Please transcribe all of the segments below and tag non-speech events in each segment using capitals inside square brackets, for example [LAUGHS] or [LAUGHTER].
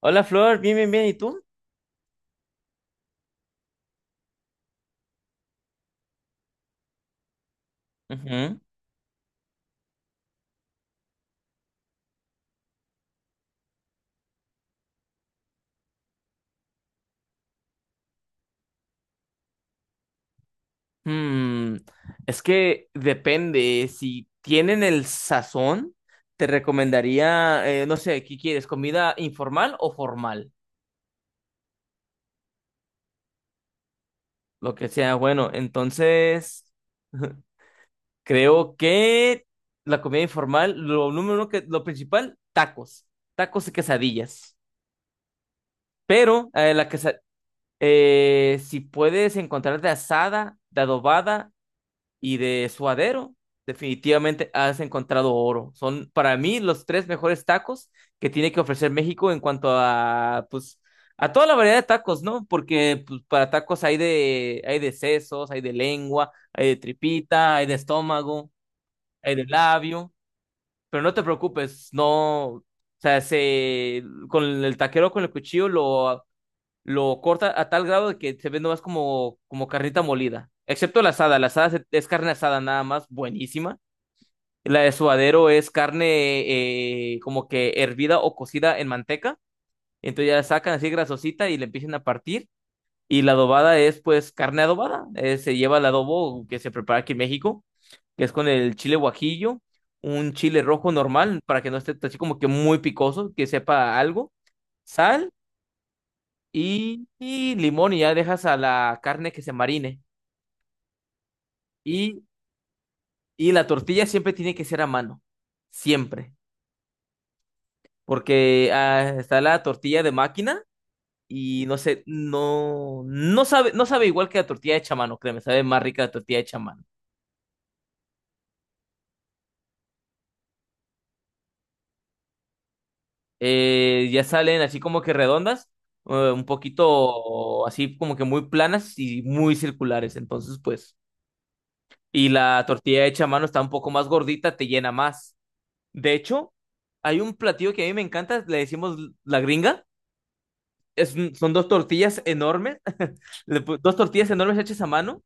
Hola Flor, bien, bien, bien, ¿y tú? Ujú. Mm, es que depende, si tienen el sazón, te recomendaría, no sé, ¿qué quieres? ¿Comida informal o formal? Lo que sea, bueno, entonces. [LAUGHS] Creo que la comida informal, lo principal, tacos y quesadillas. Pero si puedes encontrar de asada, de adobada y de suadero, definitivamente has encontrado oro. Son para mí los tres mejores tacos que tiene que ofrecer México en cuanto a, pues, a toda la variedad de tacos, ¿no? Porque pues, para tacos hay de sesos, hay de lengua, hay de tripita, hay de estómago, hay de labio. Pero no te preocupes, no, o sea, con el taquero con el cuchillo lo corta a tal grado de que se ve nomás como carnita molida. Excepto la asada. La asada es carne asada nada más, buenísima. La de suadero es carne como que hervida o cocida en manteca. Entonces ya la sacan así grasosita y le empiezan a partir. Y la adobada es pues carne adobada. Se lleva el adobo que se prepara aquí en México, que es con el chile guajillo, un chile rojo normal para que no esté así como que muy picoso, que sepa a algo, sal y limón y ya dejas a la carne que se marine. Y, y la tortilla siempre tiene que ser a mano, siempre, porque está la tortilla de máquina y no sé, no, no sabe igual que la tortilla hecha a mano, créeme, sabe más rica la tortilla hecha a mano. Ya salen así como que redondas, un poquito así como que muy planas y muy circulares, entonces pues, y la tortilla hecha a mano está un poco más gordita, te llena más. De hecho, hay un platillo que a mí me encanta, le decimos la gringa. Son dos tortillas enormes. [LAUGHS] Dos tortillas enormes hechas a mano,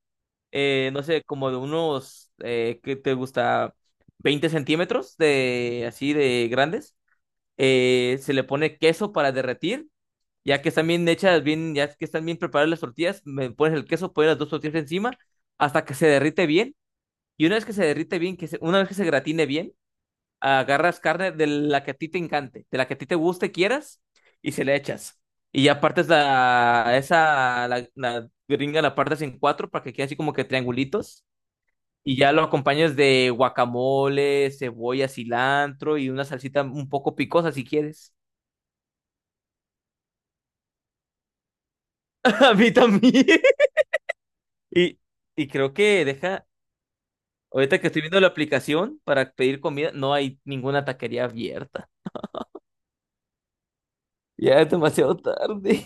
no sé, como de unos, ¿qué te gusta? 20 centímetros de así de grandes. Se le pone queso para derretir, ya que están bien hechas, bien, ya que están bien preparadas las tortillas, me pones el queso, pones las dos tortillas encima hasta que se derrite bien. Y una vez que se derrite bien, una vez que se gratine bien, agarras carne de la que a ti te encante, de la que a ti te guste, y quieras, y se le echas. Y ya partes la gringa, la partes en cuatro para que quede así como que triangulitos. Y ya lo acompañas de guacamole, cebolla, cilantro y una salsita un poco picosa si quieres. [LAUGHS] A mí también. Y, y creo que ahorita que estoy viendo la aplicación para pedir comida, no hay ninguna taquería abierta. Ya es demasiado tarde.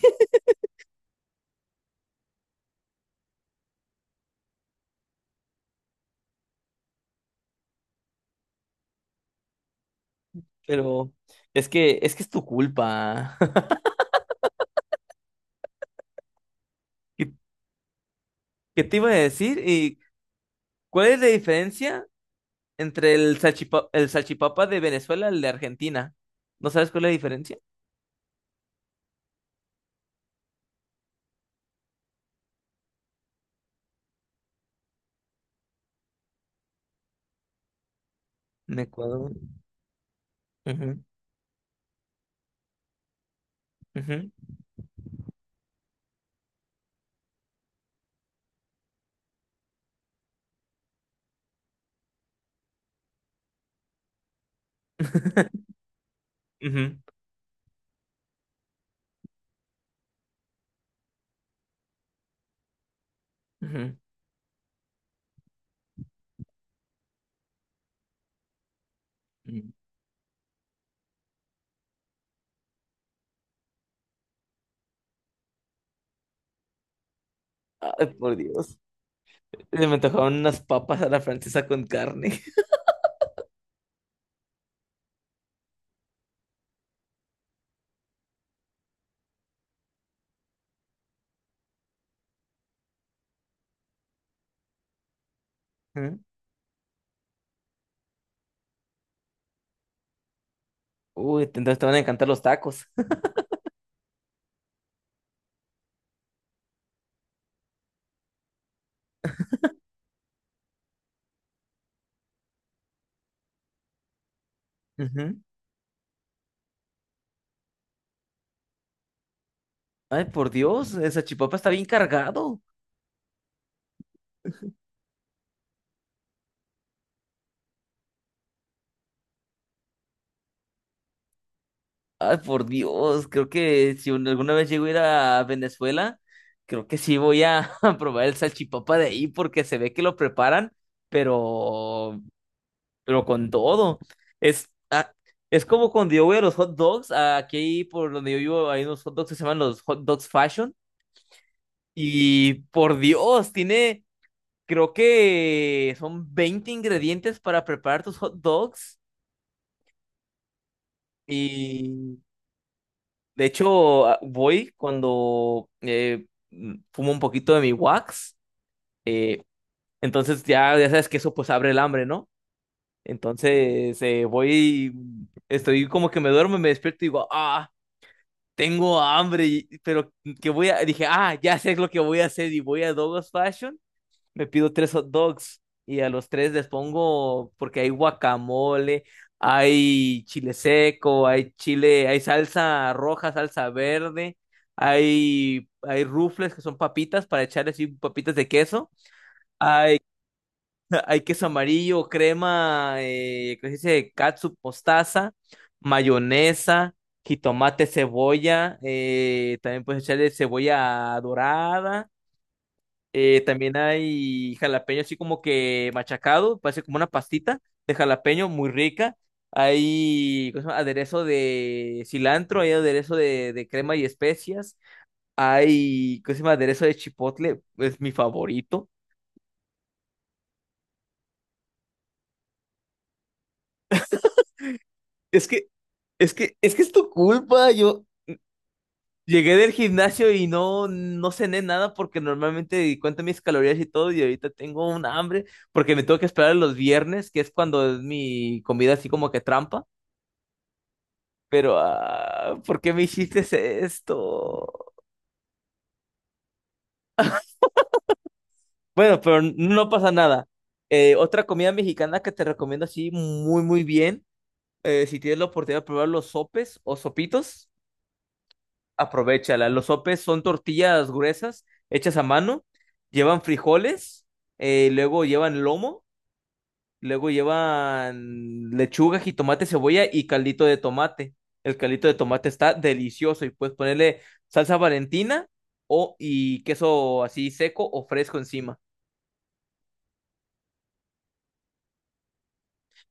Pero es que es tu culpa. [LAUGHS] ¿Qué, qué te iba a decir? ¿Y cuál es la diferencia entre el salchipapa de Venezuela y el de Argentina? ¿No sabes cuál es la diferencia? En Ecuador. Ujú, ujú. [LAUGHS] Ujú, ujú. Ay, por Dios. Se me antojaron unas papas a la francesa con carne. [LAUGHS] Ujú. Uy, entonces te van a encantar los tacos. Ujú. Ay, por Dios, el salchipapa está bien cargado. Ay, por Dios, creo que si un- alguna vez llego a ir a Venezuela, creo que sí voy a, [LAUGHS] a probar el salchipapa de ahí porque se ve que lo preparan, pero, pero con todo. Es, es como cuando yo voy a los hot dogs, aquí por donde yo vivo hay unos hot dogs que se llaman los hot dogs fashion y por Dios, creo que son 20 ingredientes para preparar tus hot dogs. De hecho, voy cuando fumo un poquito de mi wax, eh, entonces ya sabes que eso pues abre el hambre, ¿no? Entonces voy, estoy como que me duermo, me despierto y digo, ah, tengo hambre, pero que voy a, dije, ah, ya sé lo que voy a hacer y voy a Douglas Fashion, me pido tres hot dogs y a los tres les pongo, porque hay guacamole, hay chile seco, hay chile, hay salsa roja, salsa verde, hay rufles que son papitas para echar así papitas de queso, hay, [LAUGHS] hay queso amarillo, crema, ¿cómo se dice? Catsup, mostaza, mayonesa. Jitomate, cebolla, también puedes echarle cebolla dorada, también hay jalapeño así como que machacado, parece como una pastita de jalapeño muy rica. Hay, ¿cómo se llama? Aderezo de cilantro, hay aderezo de crema y especias. Hay, ¿cómo se llama? Aderezo de chipotle, es mi favorito. Es que, es que es tu culpa. Llegué del gimnasio y no cené nada porque normalmente cuento mis calorías y todo y ahorita tengo un hambre porque me tengo que esperar los viernes, que es cuando es mi comida así como que trampa. Pero, ¿por qué me hiciste esto? Bueno, pero no pasa nada. Otra comida mexicana que te recomiendo así muy, muy bien. Si tienes la oportunidad de probar los sopes o sopitos, aprovéchala. Los sopes son tortillas gruesas hechas a mano, llevan frijoles, luego llevan lomo. Luego llevan lechuga, jitomate, cebolla y caldito de tomate. El caldito de tomate está delicioso y puedes ponerle salsa Valentina o y queso así seco o fresco encima.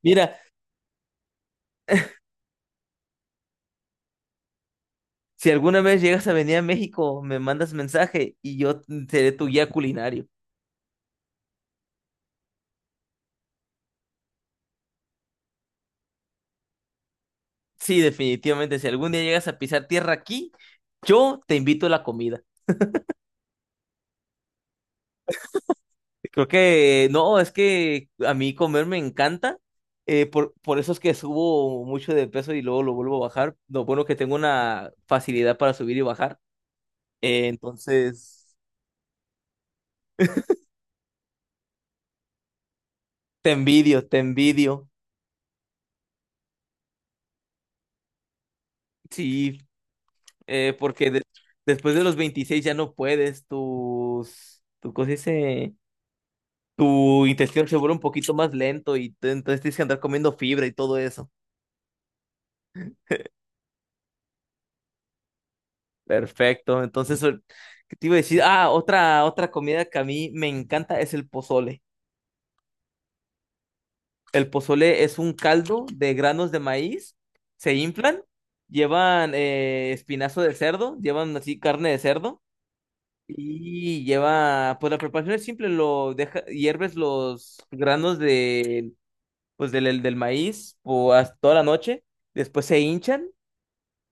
Mira, si alguna vez llegas a venir a México, me mandas mensaje y yo seré tu guía culinario. Sí, definitivamente, si algún día llegas a pisar tierra aquí, yo te invito a la comida. Creo que no, es que a mí comer me encanta. Por eso es que subo mucho de peso y luego lo vuelvo a bajar. Lo bueno que tengo una facilidad para subir y bajar. Entonces, te envidio, te envidio. Sí, porque después de los 26 ya no puedes. Tu cosa dice, tu intestino se vuelve un poquito más lento y entonces tienes que andar comiendo fibra y todo eso. Perfecto. Entonces, ¿qué te iba a decir? Ah, otra comida que a mí me encanta es el pozole. El pozole es un caldo de granos de maíz, se inflan, llevan espinazo de cerdo, llevan así carne de cerdo y lleva, pues la preparación es simple, hierves los granos de, pues del maíz o hasta toda la noche, después se hinchan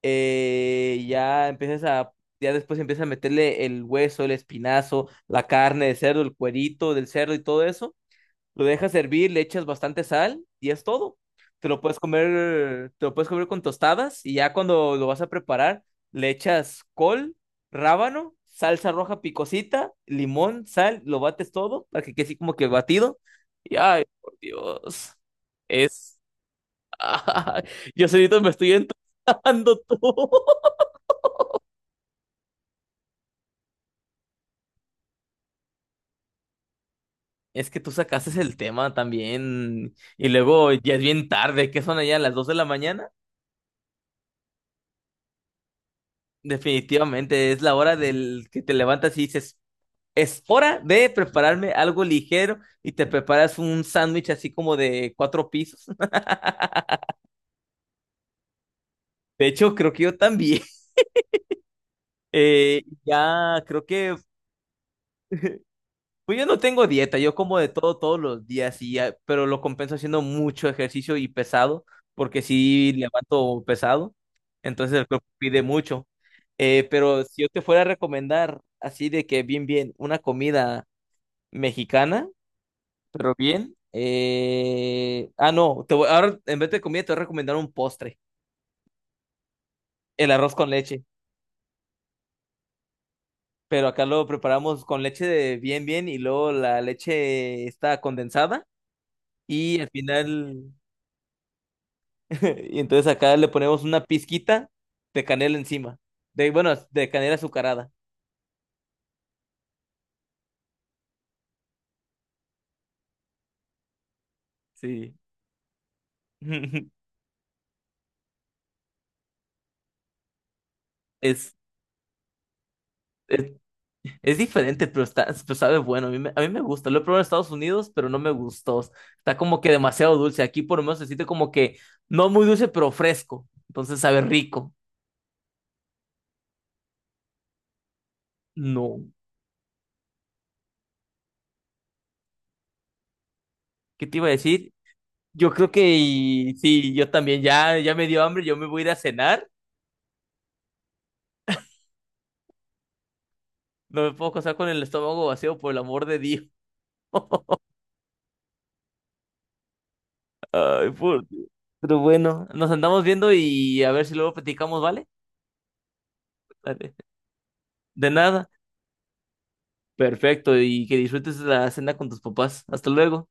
ya ya después empiezas a meterle el hueso, el espinazo, la carne de cerdo, el cuerito del cerdo y todo eso. Lo dejas hervir, le echas bastante sal y es todo. Te lo puedes comer con tostadas y ya cuando lo vas a preparar, le echas col, rábano, salsa roja picosita, limón, sal, lo bates todo para que quede así como que batido. Y ay, por Dios, es... [LAUGHS] Yo solito me estoy entusiasmando [LAUGHS] todo. Es que tú sacaste el tema también y luego ya es bien tarde, ¿qué son allá las 2 de la mañana? Definitivamente es la hora del que te levantas y dices, es hora de prepararme algo ligero y te preparas un sándwich así como de cuatro pisos. [LAUGHS] De hecho, creo que yo también. [LAUGHS] Ya creo que. [LAUGHS] Pues yo no tengo dieta, yo como de todo todos los días, y pero lo compenso haciendo mucho ejercicio y pesado, porque sí levanto pesado, entonces el cuerpo pide mucho. Pero si yo te fuera a recomendar así de que bien, bien, una comida mexicana, pero bien, no, ahora en vez de comida te voy a recomendar un postre, el arroz con leche, pero acá lo preparamos con leche de bien, bien y luego la leche está condensada y al final... [LAUGHS] Y entonces acá le ponemos una pizquita de canela encima. Bueno, de canela azucarada. Sí. [LAUGHS] Es, es, es diferente, pero sabe bueno. A mí me gusta. Lo he probado en Estados Unidos, pero no me gustó. Está como que demasiado dulce. Aquí por lo menos se siente como que no muy dulce, pero fresco. Entonces sabe rico. No. ¿Qué te iba a decir? Yo creo que sí, yo también. Ya me dio hambre. Yo me voy a ir a cenar. No me puedo casar con el estómago vacío, por el amor de Dios. [LAUGHS] Ay, puta. Pero bueno, nos andamos viendo y a ver si luego platicamos, ¿vale? Dale. De nada. Perfecto, y que disfrutes la cena con tus papás. Hasta luego.